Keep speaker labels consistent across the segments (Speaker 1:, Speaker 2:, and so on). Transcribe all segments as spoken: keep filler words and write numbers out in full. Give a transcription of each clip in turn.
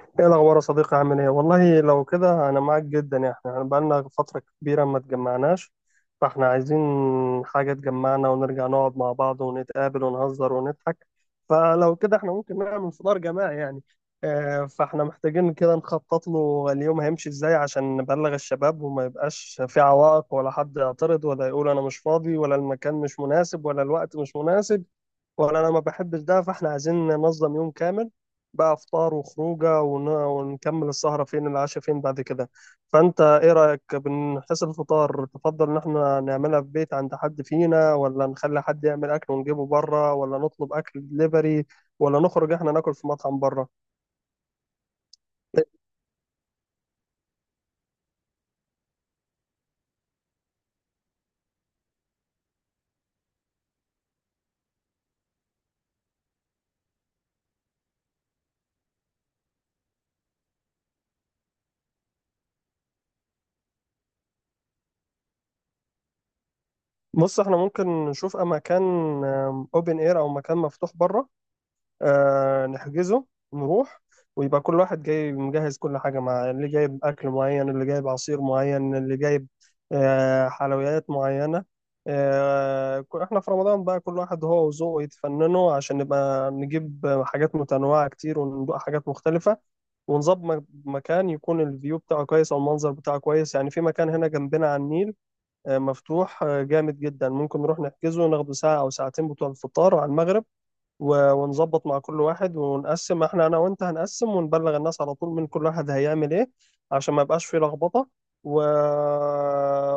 Speaker 1: ايه الاخبار يا صديقي، عامل ايه؟ والله لو كده انا معاك جدا، يعني احنا بقالنا فتره كبيره ما اتجمعناش. فاحنا عايزين حاجه تجمعنا ونرجع نقعد مع بعض ونتقابل ونهزر ونضحك. فلو كده احنا ممكن نعمل فطار جماعي يعني. آه، فاحنا محتاجين كده نخطط له اليوم هيمشي ازاي عشان نبلغ الشباب وما يبقاش في عوائق ولا حد يعترض ولا يقول انا مش فاضي ولا المكان مش مناسب ولا الوقت مش مناسب. وانا انا ما بحبش ده، فاحنا عايزين ننظم يوم كامل بقى، فطار وخروجه ون- ونكمل السهره فين، العشاء فين بعد كده. فانت ايه رايك؟ بنحس الفطار تفضل ان احنا نعملها في بيت عند حد فينا، ولا نخلي حد يعمل اكل ونجيبه بره، ولا نطلب اكل دليفري، ولا نخرج احنا ناكل في مطعم بره؟ بص احنا ممكن نشوف مكان اوبن اير او مكان مفتوح بره، آه نحجزه، نروح، ويبقى كل واحد جاي مجهز كل حاجة معاه، اللي جايب أكل معين، اللي جايب عصير معين، اللي جايب آه حلويات معينة. آه ك- احنا في رمضان بقى، كل واحد هو وذوقه يتفننوا عشان نبقى نجيب حاجات متنوعة كتير وندوق حاجات مختلفة. ونظبط م- مكان يكون الفيو بتاعه كويس أو المنظر بتاعه كويس، يعني في مكان هنا جنبنا على النيل، آه، مفتوح، آه، جامد جدا. ممكن نروح نحجزه، ناخده ساعة أو ساعتين بتوع الفطار على المغرب. و- ونظبط مع كل واحد ونقسم، احنا انا وانت هنقسم ونبلغ الناس على طول من كل واحد هيعمل ايه عشان ما يبقاش فيه لخبطة. و...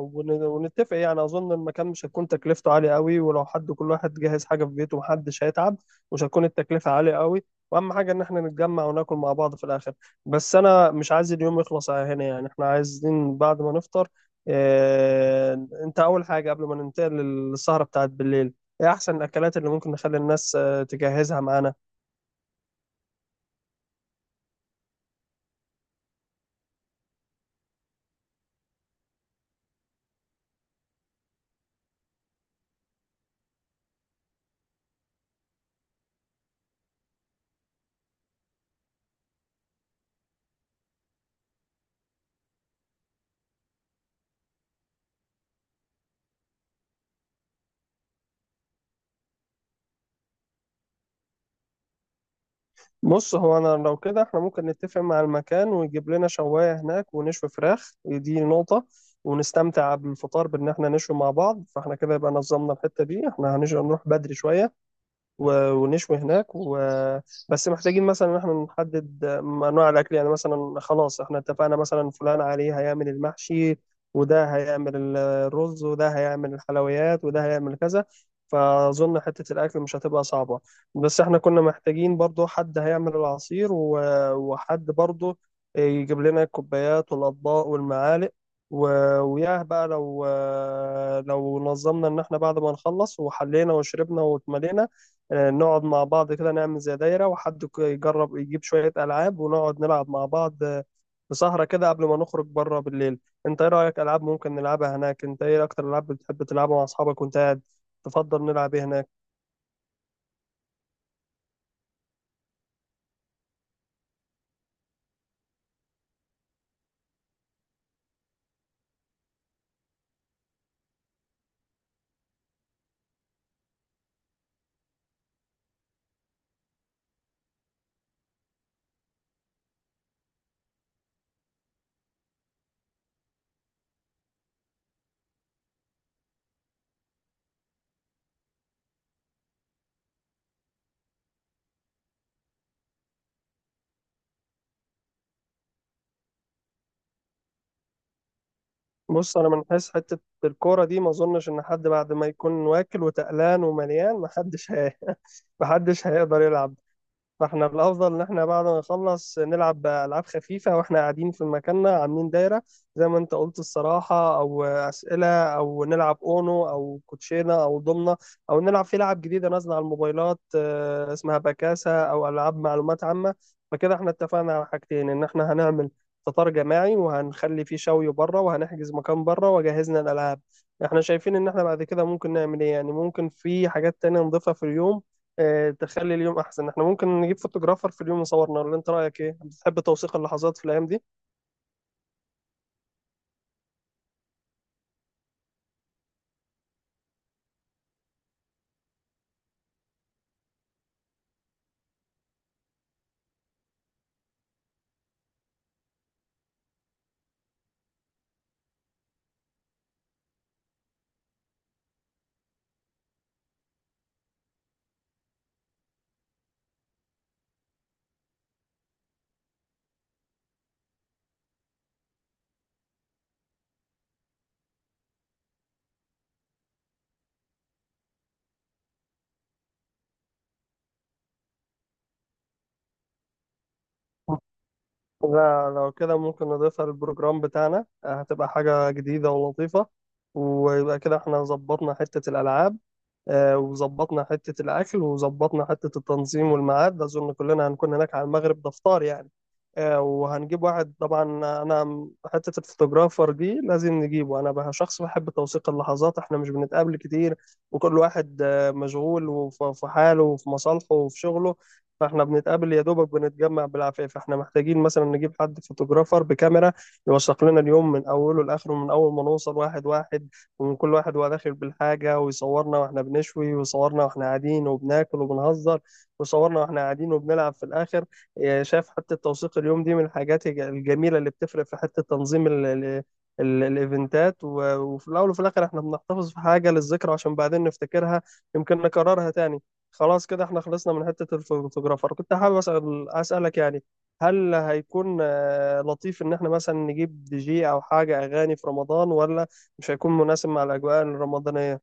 Speaker 1: ون... ونتفق، يعني اظن المكان مش هتكون تكلفته عالية قوي، ولو حد كل واحد جهز حاجة في بيته محدش هيتعب. مش هتكون التكلفة عالية قوي. واهم حاجة ان احنا نتجمع وناكل مع بعض في الاخر. بس انا مش عايز اليوم يخلص على هنا، يعني احنا عايزين بعد ما نفطر، اه... انت اول حاجة قبل ما ننتقل للسهرة بتاعت بالليل، ايه احسن الاكلات اللي ممكن نخلي الناس تجهزها معانا؟ بص هو انا لو كده احنا ممكن نتفق مع المكان ويجيب لنا شواية هناك، ونشوي فراخ، دي نقطة. ونستمتع بالفطار بان احنا نشوي مع بعض، فاحنا كده يبقى نظمنا الحتة دي، احنا هنروح بدري شوية و- ونشوي هناك و... بس محتاجين مثلا ان احنا نحدد انواع الاكل، يعني مثلا خلاص احنا اتفقنا مثلا فلان عليه هيعمل المحشي، وده هيعمل ال- الرز، وده هيعمل الحلويات، وده هيعمل كذا. فاظن حته الاكل مش هتبقى صعبه. بس احنا كنا محتاجين برضو حد هيعمل العصير، و... وحد برضو يجيب لنا الكوبايات والاطباق والمعالق. و... وياه بقى لو، لو نظمنا ان احنا بعد ما نخلص وحلينا وشربنا واتملينا، آه، نقعد مع بعض كده نعمل زي دايرة، وحد ك- يجرب يجيب شوية ألعاب ونقعد نلعب مع بعض آه، في سهرة كده قبل ما نخرج بره بالليل. انت ايه رأيك؟ ألعاب ممكن نلعبها هناك، انت ايه أكتر ألعاب بتحب تلعبها مع أصحابك وانت قاعد؟ تفضل نلعب ايه هناك؟ بص أنا من حيث حتة الكورة دي ما أظنش إن حد بعد ما يكون واكل وتقلان ومليان، محدش هي... محدش هيقدر يلعب. فاحنا الافضل ان احنا بعد ما نخلص نلعب بالعاب خفيفه واحنا قاعدين في مكاننا عاملين دايره، زي ما انت قلت الصراحه او اسئله، او نلعب اونو او كوتشينه او ضمنه، او نلعب في لعب جديده نازله على الموبايلات آه، اسمها بكاسه، او العاب معلومات عامه. فكده احنا اتفقنا على حاجتين، ان احنا هنعمل فطار جماعي وهنخلي فيه شوي بره، وهنحجز مكان بره وجهزنا الالعاب. احنا شايفين ان احنا بعد كده ممكن نعمل ايه؟ يعني ممكن في حاجات تانية نضيفها في اليوم آه، تخلي اليوم احسن. احنا ممكن نجيب فوتوغرافر في اليوم يصورنا، ولا انت رايك ايه؟ بتحب توثيق اللحظات في الايام دي؟ لا، لو كده ممكن نضيفها للبروجرام بتاعنا، آه، هتبقى حاجه جديده ولطيفه. ويبقى كده احنا ظبطنا حته الالعاب، آه، وظبطنا حتة الأكل، وظبطنا حتة التنظيم والميعاد. أظن كلنا هنكون هناك على المغرب، ده فطار يعني. آه، وهنجيب واحد طبعا. أنا م- حتة الفوتوغرافر دي لازم نجيبه. أنا بقى شخص بحب توثيق اللحظات، إحنا مش بنتقابل كتير، وكل واحد آه، مشغول وف- في حاله وفي مصالحه وفي شغله. فإحنا بنتقابل يا دوبك، بنتجمع بالعافية. فإحنا محتاجين مثلا نجيب حد فوتوغرافر بكاميرا يوثق لنا اليوم من أوله لآخره، من أول ما نوصل واحد واحد، وكل واحد وهو داخل بالحاجة، ويصورنا واحنا بنشوي، ويصورنا واحنا قاعدين وبناكل وبنهزر، ويصورنا واحنا قاعدين وبنلعب في الآخر. إيه، شايف حتة توثيق اليوم دي من الحاجات الج- الجميلة اللي بتفرق في حتة تنظيم ال ال ال- الايفنتات، و- وفي الاول وفي الاخر احنا بنحتفظ في حاجه للذكرى عشان بعدين نفتكرها، يمكن نكررها تاني. خلاص كده احنا خلصنا من حته الفوتوغرافر. كنت حابب اسال اسالك يعني، هل هيكون آه، لطيف ان احنا مثلا نجيب دي جي او حاجه اغاني في رمضان، ولا مش هيكون مناسب مع الأجواء الرمضانية؟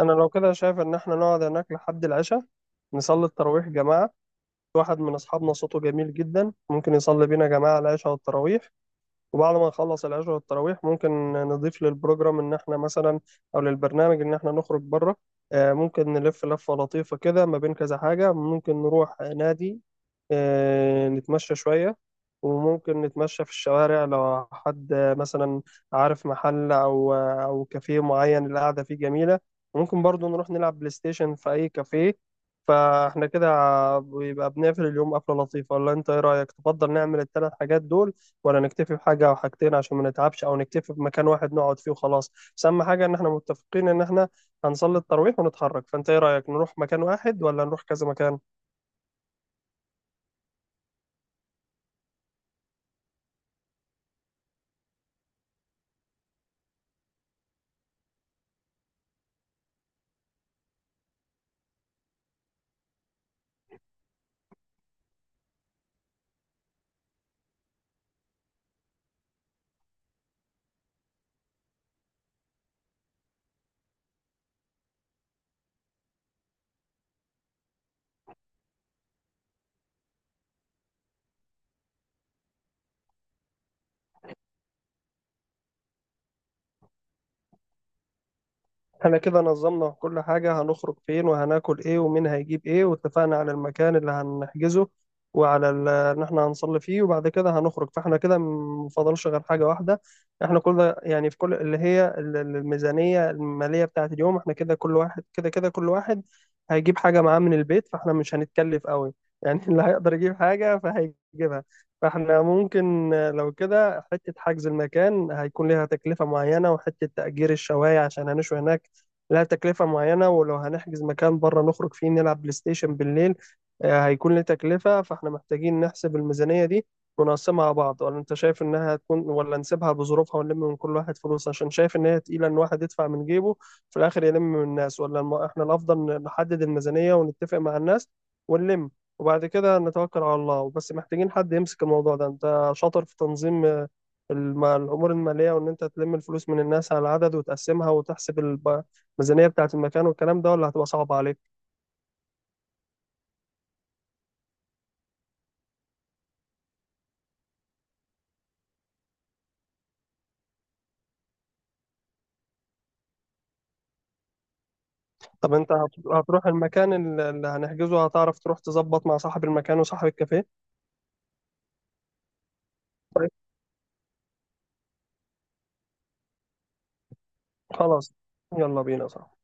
Speaker 1: أنا لو كده شايف إن إحنا نقعد هناك لحد العشاء، نصلي التراويح جماعة. في واحد من أصحابنا صوته جميل جدا، ممكن يصلي بينا جماعة العشاء والتراويح. وبعد ما نخلص العشاء والتراويح ممكن نضيف للبروجرام ان احنا مثلا، او للبرنامج ان احنا نخرج بره، آه، ممكن نلف لفة لطيفة كده ما بين كذا حاجة. ممكن نروح نادي، آه، نتمشى شوية، وممكن نتمشى في الشوارع لو حد آه، مثلا عارف محل او آه، او كافيه معين القعدة فيه جميلة. ممكن برضو نروح نلعب بلاي ستيشن في اي كافيه. فاحنا كده بيبقى بنقفل اليوم قفلة لطيفة. ولا انت ايه رأيك؟ تفضل نعمل الثلاث حاجات دول، ولا نكتفي بحاجة أو حاجتين عشان ما نتعبش، أو نكتفي بمكان واحد نقعد فيه وخلاص؟ بس أهم حاجة إن إحنا متفقين إن إحنا هنصلي التراويح ونتحرك. فأنت إيه رأيك، نروح مكان واحد ولا نروح كذا مكان؟ احنا كده نظمنا كل حاجة، هنخرج فين وهناكل ايه ومين هيجيب ايه، واتفقنا على المكان اللي هنحجزه وعلى ال- ان احنا هنصلي فيه وبعد كده هنخرج. فاحنا كده مفضلش غير حاجة واحدة. احنا كل ده يعني، في كل اللي هي ال- ال- الميزانية المالية بتاعة اليوم. احنا كده كل واحد كده كده كل واحد هيجيب حاجة معاه من البيت، فاحنا مش هنتكلف قوي يعني. اللي هيقدر يجيب حاجة فهيجيبها. فاحنا ممكن لو كده، حتة حجز المكان هيكون ليها تكلفة معينة، وحتة تأجير الشواية عشان هنشوي هناك لها تكلفة معينة، ولو هنحجز مكان بره نخرج فيه نلعب بلاي ستيشن بالليل، آه، هيكون له تكلفة. فاحنا محتاجين نحسب الميزانية دي ونقسمها على بعض، ولا انت شايف انها هتكون، ولا نسيبها بظروفها ونلم من كل واحد فلوس؟ عشان شايف ان هي تقيلة ان واحد يدفع من جيبه في الاخر يلم من الناس، ولا الم- احنا الافضل نحدد الميزانية ونتفق مع الناس ونلم وبعد كده نتوكل على الله. بس محتاجين حد يمسك الموضوع ده. انت شاطر في تنظيم آه، الم- الأمور المالية، وإن أنت تلم الفلوس من الناس على العدد وتقسمها وتحسب الب- الميزانية بتاعة المكان والكلام ده، ولا هتبقى صعبة عليك؟ طب أنت هت- هتروح المكان اللي اللي هنحجزه، هتعرف تروح تظبط مع صاحب المكان وصاحب الكافيه؟ طيب. خلاص. يلا بينا، صح؟